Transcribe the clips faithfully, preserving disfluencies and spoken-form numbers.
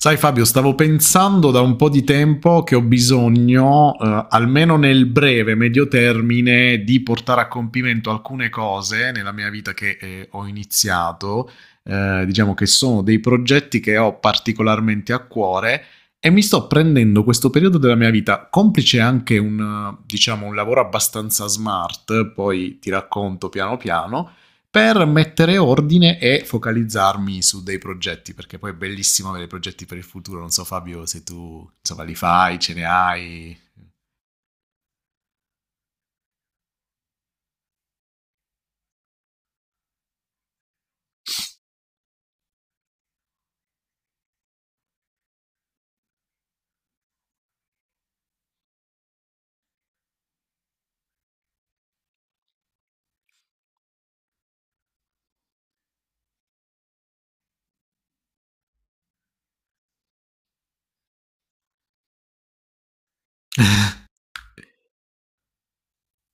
Sai Fabio, stavo pensando da un po' di tempo che ho bisogno, eh, almeno nel breve, medio termine, di portare a compimento alcune cose nella mia vita che eh, ho iniziato. Eh, diciamo che sono dei progetti che ho particolarmente a cuore e mi sto prendendo questo periodo della mia vita, complice anche un, diciamo, un lavoro abbastanza smart, poi ti racconto piano piano, per mettere ordine e focalizzarmi su dei progetti, perché poi è bellissimo avere progetti per il futuro. Non so, Fabio, se tu insomma, li fai, ce ne hai.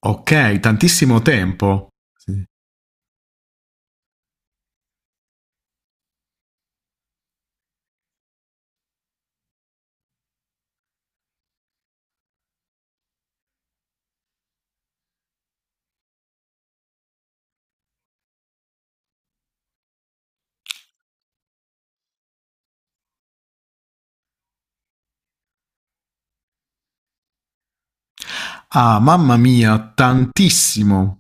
Ok, tantissimo tempo. Sì. Ah, mamma mia, tantissimo.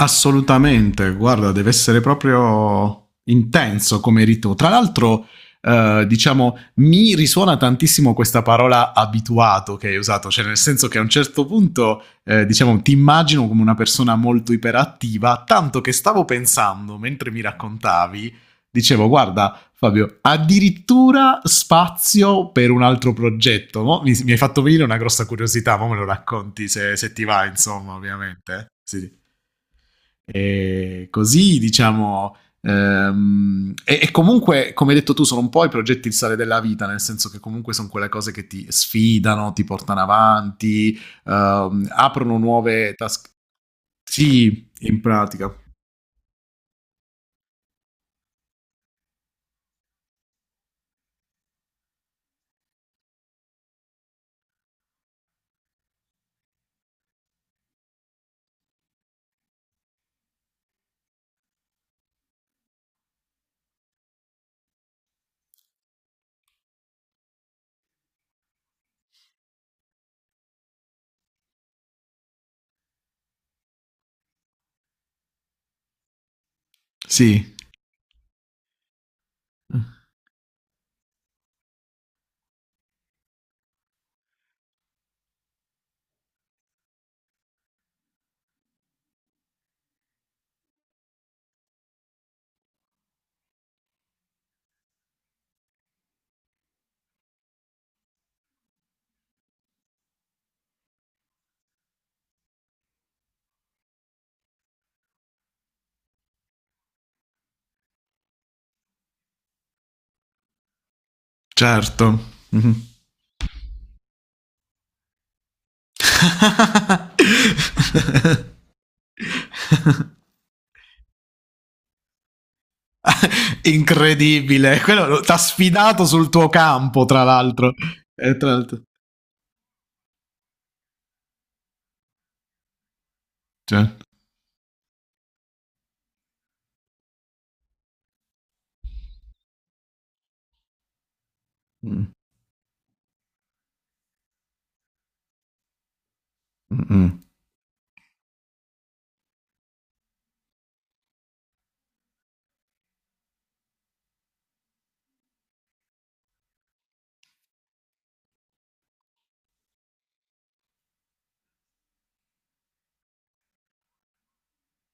Assolutamente, guarda, deve essere proprio intenso come rito. Tra l'altro, eh, diciamo, mi risuona tantissimo questa parola abituato che hai usato, cioè nel senso che a un certo punto, eh, diciamo, ti immagino come una persona molto iperattiva, tanto che stavo pensando, mentre mi raccontavi, dicevo, guarda, Fabio, addirittura spazio per un altro progetto. Mo Mi, mi hai fatto venire una grossa curiosità, ma me lo racconti se, se ti va, insomma, ovviamente. Sì, sì. E così, diciamo, Ehm, e, e comunque, come hai detto tu, sono un po' i progetti il sale della vita, nel senso che comunque sono quelle cose che ti sfidano, ti portano avanti, ehm, aprono nuove task. Sì, in pratica. Sì, certo. Mhm. Incredibile, quello ti ha sfidato sul tuo campo, tra l'altro. E tra l'altro. Certo. Mm, mm, mm.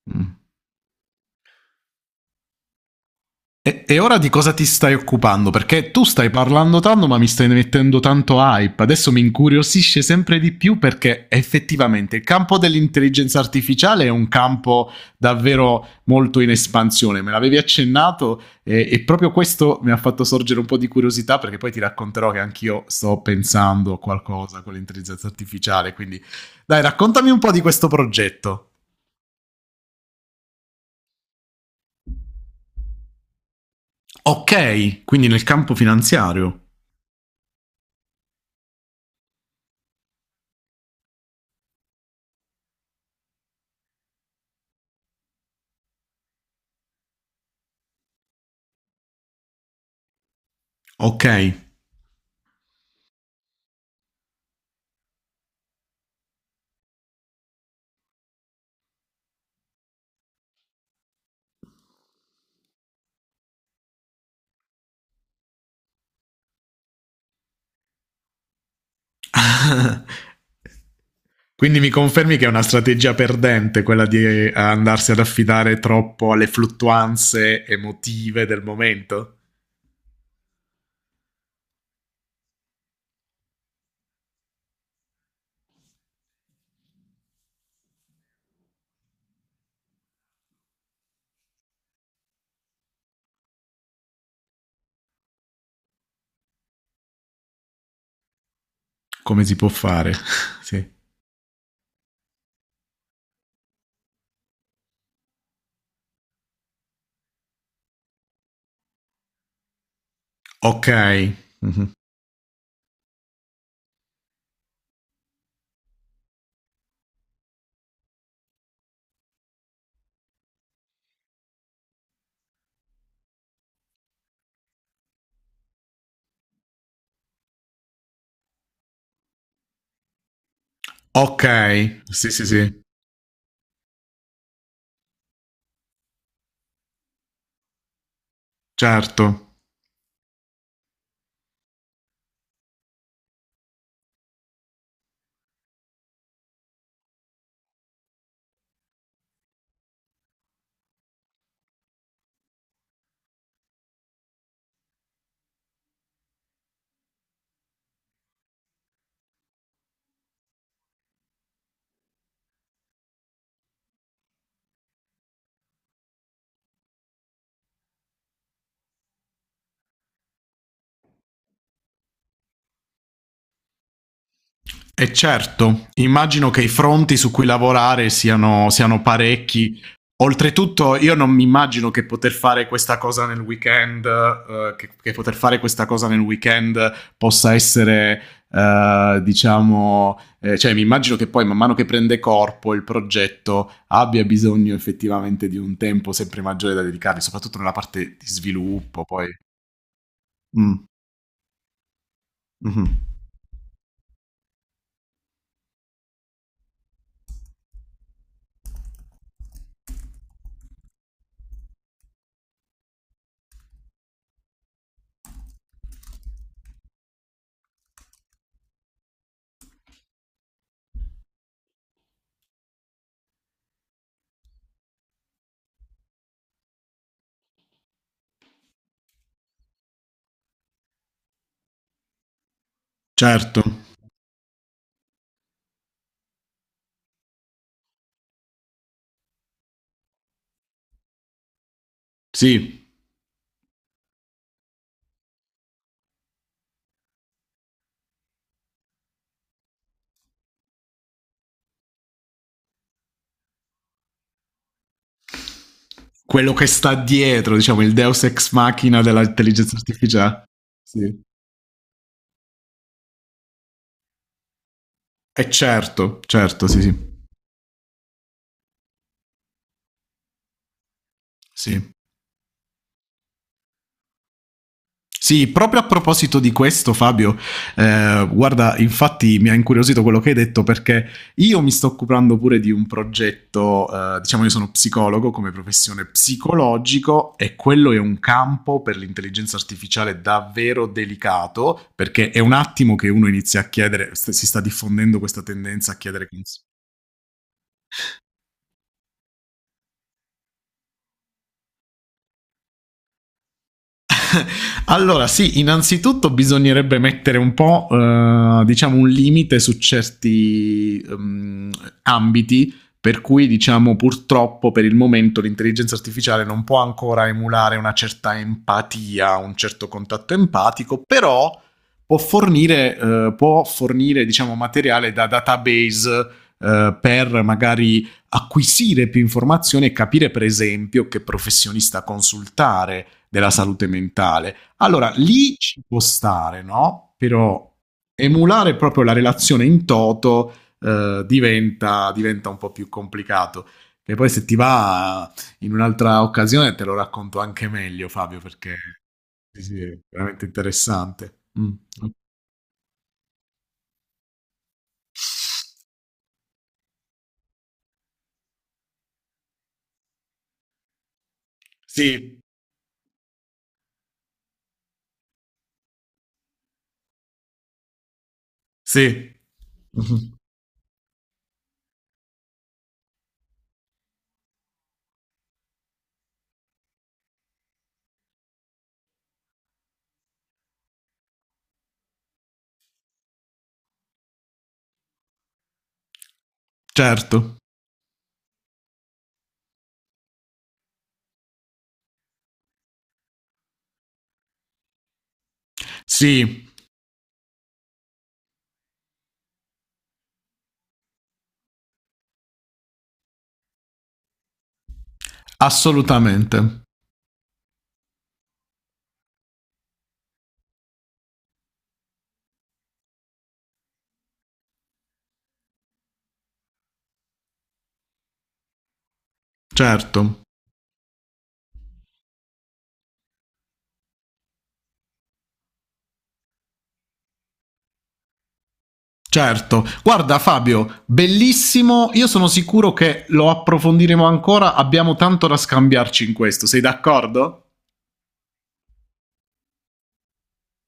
Mm. E, e ora di cosa ti stai occupando? Perché tu stai parlando tanto, ma mi stai mettendo tanto hype. Adesso mi incuriosisce sempre di più perché effettivamente il campo dell'intelligenza artificiale è un campo davvero molto in espansione. Me l'avevi accennato e, e proprio questo mi ha fatto sorgere un po' di curiosità perché poi ti racconterò che anch'io sto pensando a qualcosa con l'intelligenza artificiale. Quindi dai, raccontami un po' di questo progetto. Ok, quindi nel campo finanziario. Ok. Quindi mi confermi che è una strategia perdente quella di eh, andarsi ad affidare troppo alle fluttuanze emotive del momento? Come si può fare? Sì. Ok. Mhm. Ok. Sì, sì, sì. Certo. E certo, immagino che i fronti su cui lavorare siano, siano parecchi. Oltretutto, io non mi immagino che poter fare questa cosa nel weekend, eh, che, che poter fare questa cosa nel weekend possa essere, eh, diciamo, eh, cioè mi immagino che poi man mano che prende corpo il progetto abbia bisogno effettivamente di un tempo sempre maggiore da dedicargli, soprattutto nella parte di sviluppo, poi. Mm, mhm. Certo, sì, quello che sta dietro, diciamo, il deus ex machina dell'intelligenza artificiale. Sì. E certo, certo, sì, sì. Sì. Sì, proprio a proposito di questo, Fabio, eh, guarda, infatti mi ha incuriosito quello che hai detto perché io mi sto occupando pure di un progetto, eh, diciamo io sono psicologo come professione psicologico e quello è un campo per l'intelligenza artificiale davvero delicato perché è un attimo che uno inizia a chiedere, si sta diffondendo questa tendenza a chiedere consigli. Allora, sì, innanzitutto bisognerebbe mettere un po', eh, diciamo, un limite su certi ehm, ambiti. Per cui, diciamo, purtroppo per il momento l'intelligenza artificiale non può ancora emulare una certa empatia, un certo contatto empatico, però può fornire, eh, può fornire diciamo, materiale da database eh, per magari acquisire più informazioni e capire per esempio che professionista consultare della salute mentale. Allora lì ci può stare, no? Però emulare proprio la relazione in toto eh, diventa, diventa un po' più complicato. E poi se ti va in un'altra occasione te lo racconto anche meglio, Fabio, perché sì, sì, è veramente interessante. Mm. Sì, sì. Mhm. Certo. Sì. Assolutamente. Certo. Certo, guarda Fabio, bellissimo, io sono sicuro che lo approfondiremo ancora, abbiamo tanto da scambiarci in questo, sei d'accordo?